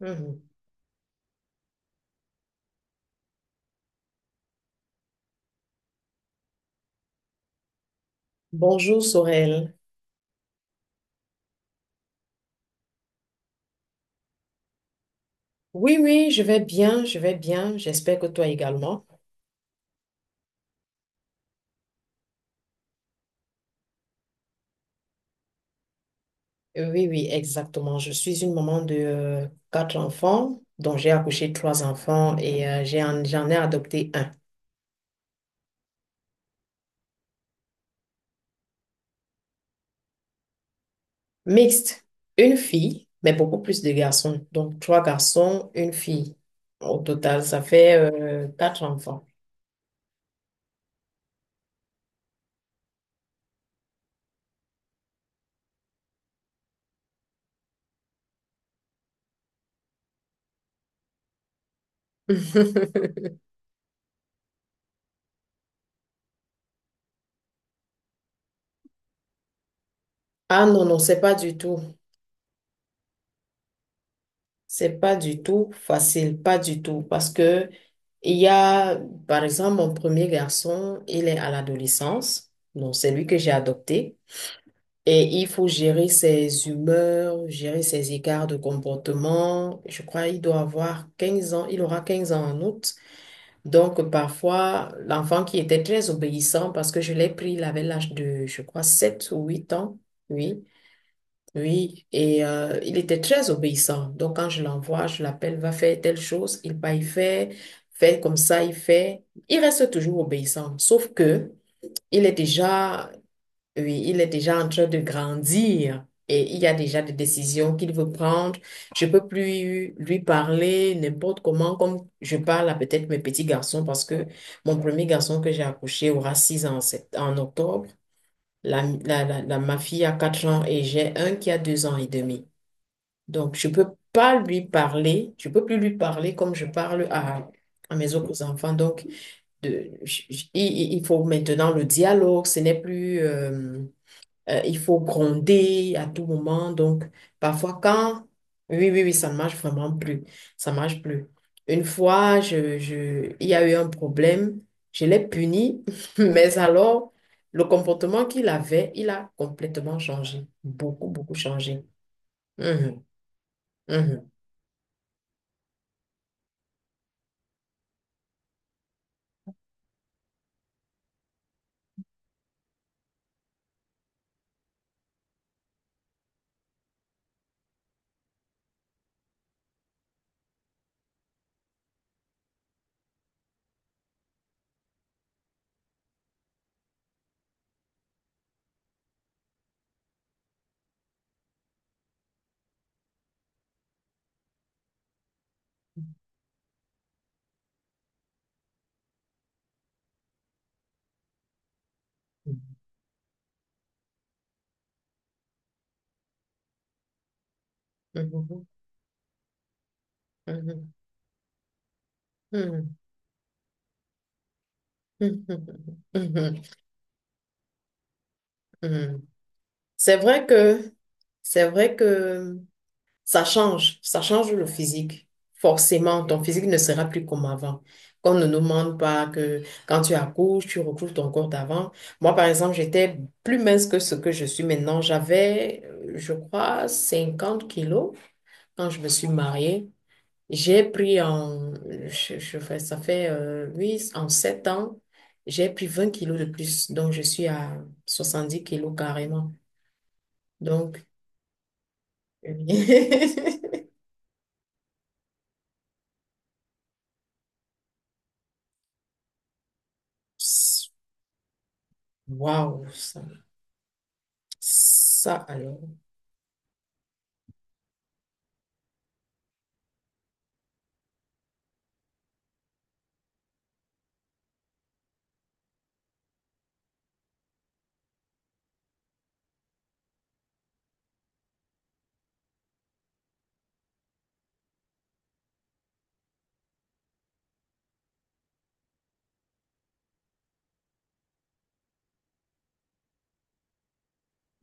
Mhm. Bonjour Sorel. Oui, oui, je vais bien, je vais bien. J'espère que toi également. Oui, oui, exactement. Je suis une maman de quatre enfants, dont j'ai accouché trois enfants et j'en ai adopté un. Mixte, une fille, mais beaucoup plus de garçons. Donc trois garçons, une fille. Au total, ça fait quatre enfants. Ah non, non, c'est pas du tout. C'est pas du tout facile, pas du tout, parce que il y a, par exemple, mon premier garçon, il est à l'adolescence, donc c'est lui que j'ai adopté, et il faut gérer ses humeurs, gérer ses écarts de comportement. Je crois il doit avoir 15 ans, il aura 15 ans en août. Donc parfois, l'enfant qui était très obéissant, parce que je l'ai pris, il avait l'âge de, je crois, 7 ou 8 ans, oui, oui, et il était très obéissant. Donc, quand je l'envoie, je l'appelle, va faire telle chose, il va y faire, fait comme ça, il fait. Il reste toujours obéissant, sauf que il est déjà, oui, il est déjà en train de grandir et il y a déjà des décisions qu'il veut prendre. Je peux plus lui parler n'importe comment, comme je parle à peut-être mes petits garçons, parce que mon premier garçon que j'ai accouché aura 6 ans en en octobre. Ma fille a 4 ans et j'ai un qui a 2 ans et demi. Donc, je ne peux pas lui parler, je ne peux plus lui parler comme je parle à mes autres enfants. Donc, de, j- j- il- faut maintenant le dialogue, ce n'est plus, il faut gronder à tout moment. Donc, parfois, quand, oui, oui, oui, ça ne marche vraiment plus, ça ne marche plus. Une fois, il y a eu un problème, je l'ai puni, mais alors, le comportement qu'il avait, il a complètement changé, beaucoup, beaucoup changé. Mhm, mhm. Mhm, mhm, mhm, mhm, mhm, mhm. C'est vrai que, c'est vrai que ça change le physique. Forcément, ton physique ne sera plus comme avant. Qu'on ne nous demande pas que quand tu accouches, tu recouvres ton corps d'avant. Moi, par exemple, j'étais plus mince que ce que je suis maintenant. J'avais, je crois, 50 kilos quand je me suis mariée. J'ai pris en, je fais, ça fait oui, en 7 ans, j'ai pris 20 kilos de plus, donc je suis à 70 kilos carrément. Donc, waouh, ça alors.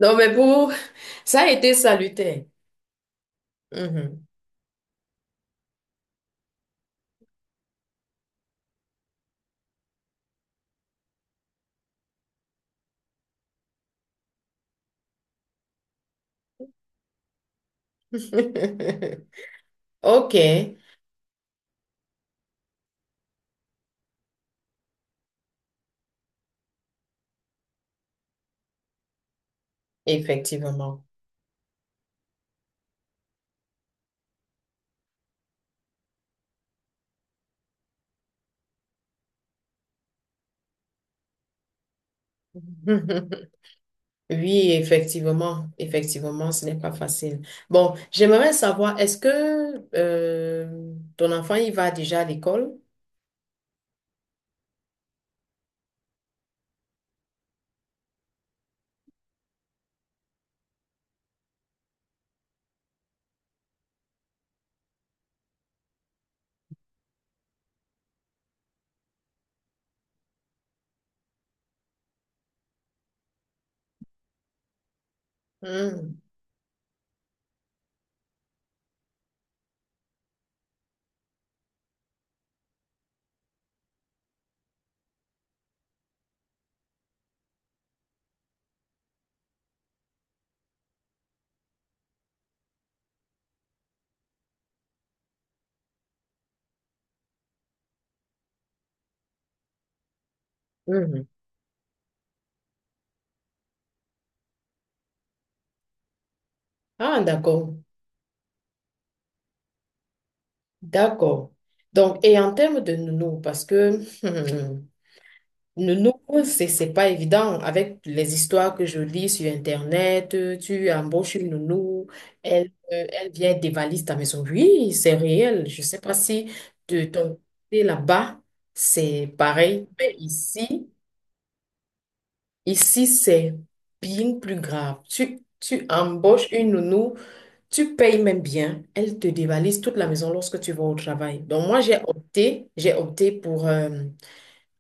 Non, mais pour ça a été salutaire. Mhm. Ok, effectivement. Oui, effectivement, effectivement, ce n'est pas facile. Bon, j'aimerais savoir, est-ce que ton enfant, il va déjà à l'école? Hmm, mhm. Ah, d'accord, d'accord. Donc, et en termes de nounou, parce que le nouveau, c'est pas évident. Avec les histoires que je lis sur Internet, tu embauches une nounou, elle, elle vient dévaliser ta maison. Oui, c'est réel. Je sais pas si de ton côté là-bas, c'est pareil. Mais ici, ici, c'est bien plus grave. Tu embauches une nounou, tu payes même bien, elle te dévalise toute la maison lorsque tu vas au travail. Donc moi, j'ai opté pour...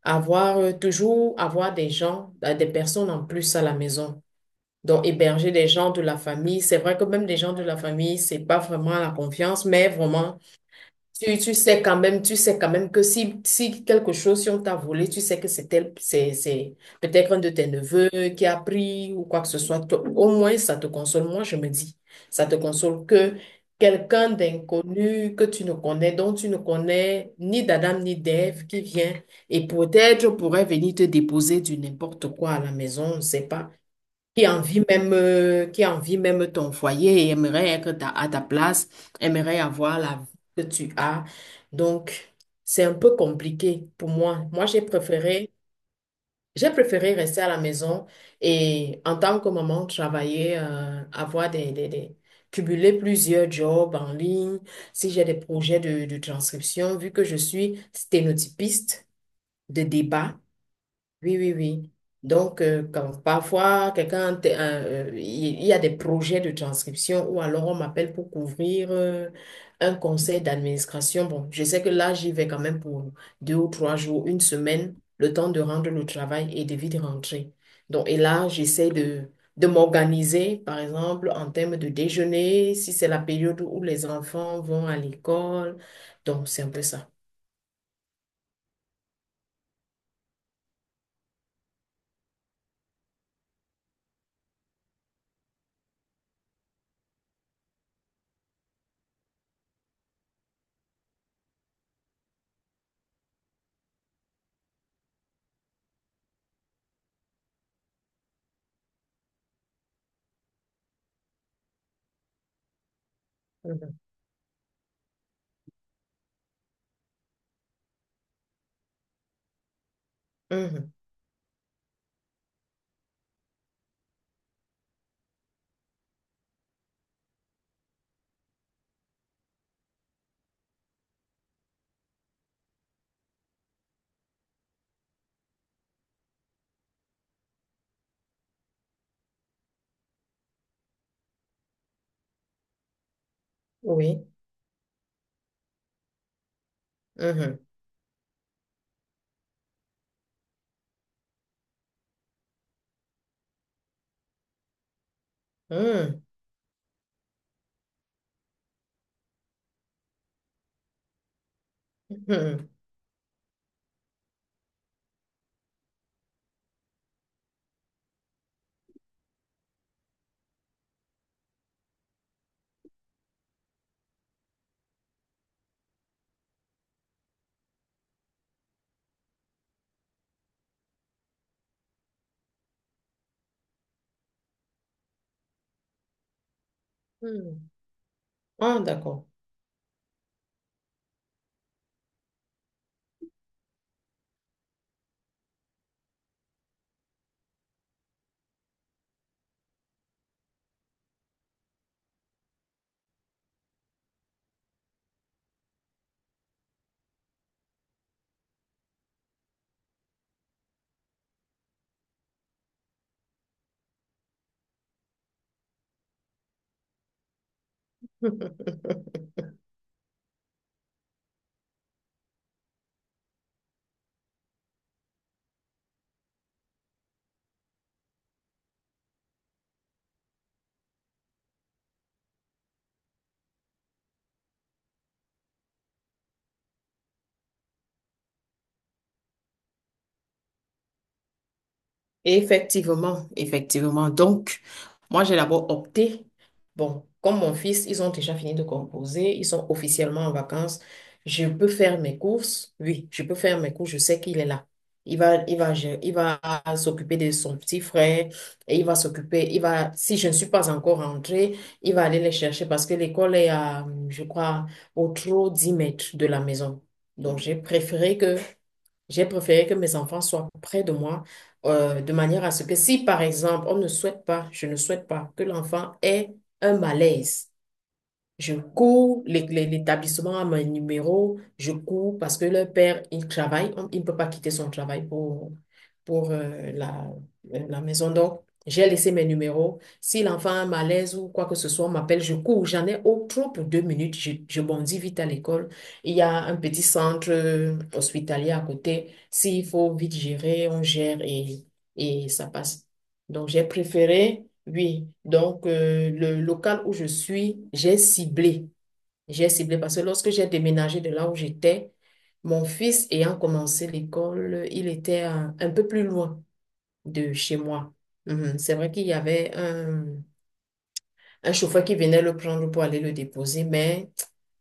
avoir toujours avoir des gens, des personnes en plus à la maison. Donc, héberger des gens de la famille, c'est vrai que même des gens de la famille, c'est pas vraiment la confiance, mais vraiment tu sais quand même, tu sais quand même que si, si quelque chose, si on t'a volé, tu sais que c'est peut-être un de tes neveux qui a pris ou quoi que ce soit. Toi, au moins, ça te console. Moi, je me dis, ça te console que quelqu'un d'inconnu que tu ne connais, dont tu ne connais ni d'Adam ni d'Ève qui vient et peut-être pourrait venir te déposer du n'importe quoi à la maison, on ne sait pas qui envie même, qui envie même ton foyer et aimerait être à ta place, aimerait avoir la vie que tu as. Donc, c'est un peu compliqué pour moi. J'ai préféré rester à la maison et en tant que maman, travailler, avoir cumuler plusieurs jobs en ligne, si j'ai des projets de transcription, vu que je suis sténotypiste de débat. Oui, oui, oui. Donc, quand parfois, il y a des projets de transcription ou alors on m'appelle pour couvrir un conseil d'administration. Bon, je sais que là, j'y vais quand même pour 2 ou 3 jours, une semaine, le temps de rendre le travail et de vite rentrer. Donc, et là, j'essaie de m'organiser, par exemple, en termes de déjeuner, si c'est la période où les enfants vont à l'école. Donc, c'est un peu ça. Mhm. Mhm. Oui. Mhm. Mhm. Mhm. Hmm. Ah, d'accord. Effectivement, effectivement. Donc, moi, j'ai d'abord opté. Bon, comme mon fils, ils ont déjà fini de composer, ils sont officiellement en vacances. Je peux faire mes courses. Oui, je peux faire mes courses. Je sais qu'il est là. Il va s'occuper de son petit frère et il va s'occuper. Il va, si je ne suis pas encore rentrée, il va aller les chercher parce que l'école est à, je crois, au trop 10 mètres de la maison. Donc, j'ai préféré que mes enfants soient près de moi de manière à ce que si, par exemple, on ne souhaite pas, je ne souhaite pas que l'enfant ait un malaise, je cours, l'établissement a mon numéro, je cours parce que le père, il travaille, il ne peut pas quitter son travail pour la, la maison. Donc, j'ai laissé mes numéros. Si l'enfant a un malaise ou quoi que ce soit, on m'appelle, je cours. J'en ai au trop pour 2 minutes, je bondis vite à l'école. Il y a un petit centre hospitalier à côté. S'il faut vite gérer, on gère et ça passe. Donc, j'ai préféré oui, donc le local où je suis, j'ai ciblé. J'ai ciblé parce que lorsque j'ai déménagé de là où j'étais, mon fils ayant commencé l'école, il était un peu plus loin de chez moi. Mhm. C'est vrai qu'il y avait un chauffeur qui venait le prendre pour aller le déposer, mais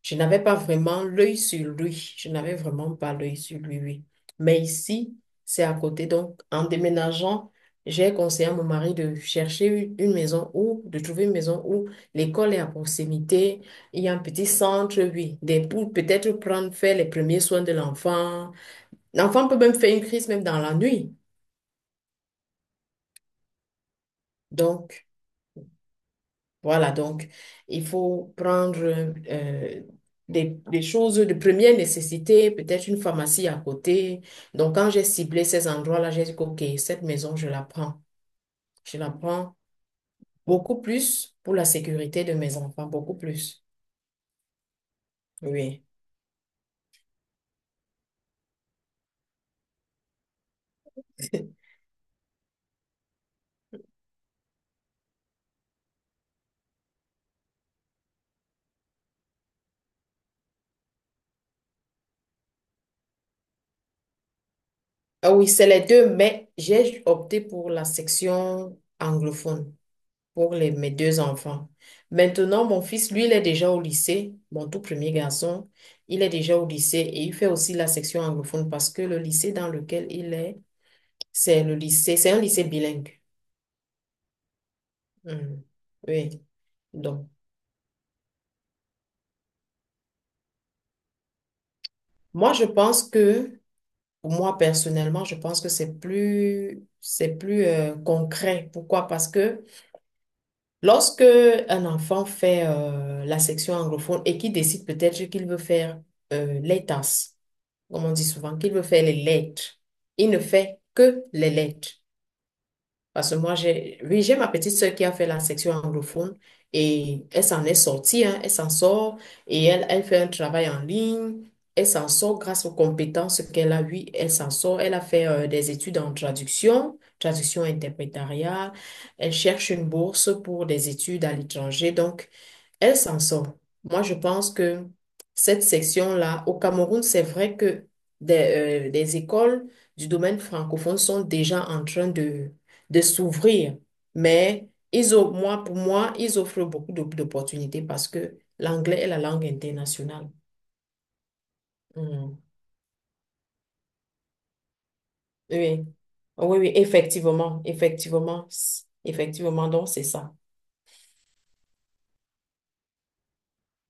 je n'avais pas vraiment l'œil sur lui. Je n'avais vraiment pas l'œil sur lui, oui. Mais ici, c'est à côté. Donc, en déménageant, j'ai conseillé à mon mari de chercher une maison où, de trouver une maison où l'école est à proximité. Il y a un petit centre, oui, des, pour peut-être prendre, faire les premiers soins de l'enfant. L'enfant peut même faire une crise même dans la nuit. Donc, voilà, donc il faut prendre des choses de première nécessité, peut-être une pharmacie à côté. Donc quand j'ai ciblé ces endroits-là, j'ai dit, OK, cette maison, je la prends. Je la prends beaucoup plus pour la sécurité de mes enfants, beaucoup plus. Oui. Ah oui, c'est les deux, mais j'ai opté pour la section anglophone. Pour les, mes deux enfants. Maintenant, mon fils, lui, il est déjà au lycée, mon tout premier garçon, il est déjà au lycée et il fait aussi la section anglophone parce que le lycée dans lequel il est, c'est le lycée, c'est un lycée bilingue. Mhm. Oui. Donc, moi, je pense que, pour moi, personnellement, je pense que c'est plus concret. Pourquoi? Parce que lorsque un enfant fait la section anglophone et qu'il décide peut-être qu'il veut faire les tasses, comme on dit souvent, qu'il veut faire les lettres. Il ne fait que les lettres. Parce que oui, j'ai ma petite sœur qui a fait la section anglophone et elle s'en est sortie, hein, elle s'en sort et elle, elle fait un travail en ligne. Elle s'en sort grâce aux compétences qu'elle a eues. Elle s'en sort. Elle a fait des études en traduction, traduction interprétariale. Elle cherche une bourse pour des études à l'étranger. Donc, elle s'en sort. Moi, je pense que cette section-là, au Cameroun, c'est vrai que des écoles du domaine francophone sont déjà en train de s'ouvrir. Mais ils ont, moi, pour moi, ils offrent beaucoup d'opportunités parce que l'anglais est la langue internationale. Mm. Oui, oui, oui, effectivement, effectivement, effectivement, donc c'est ça.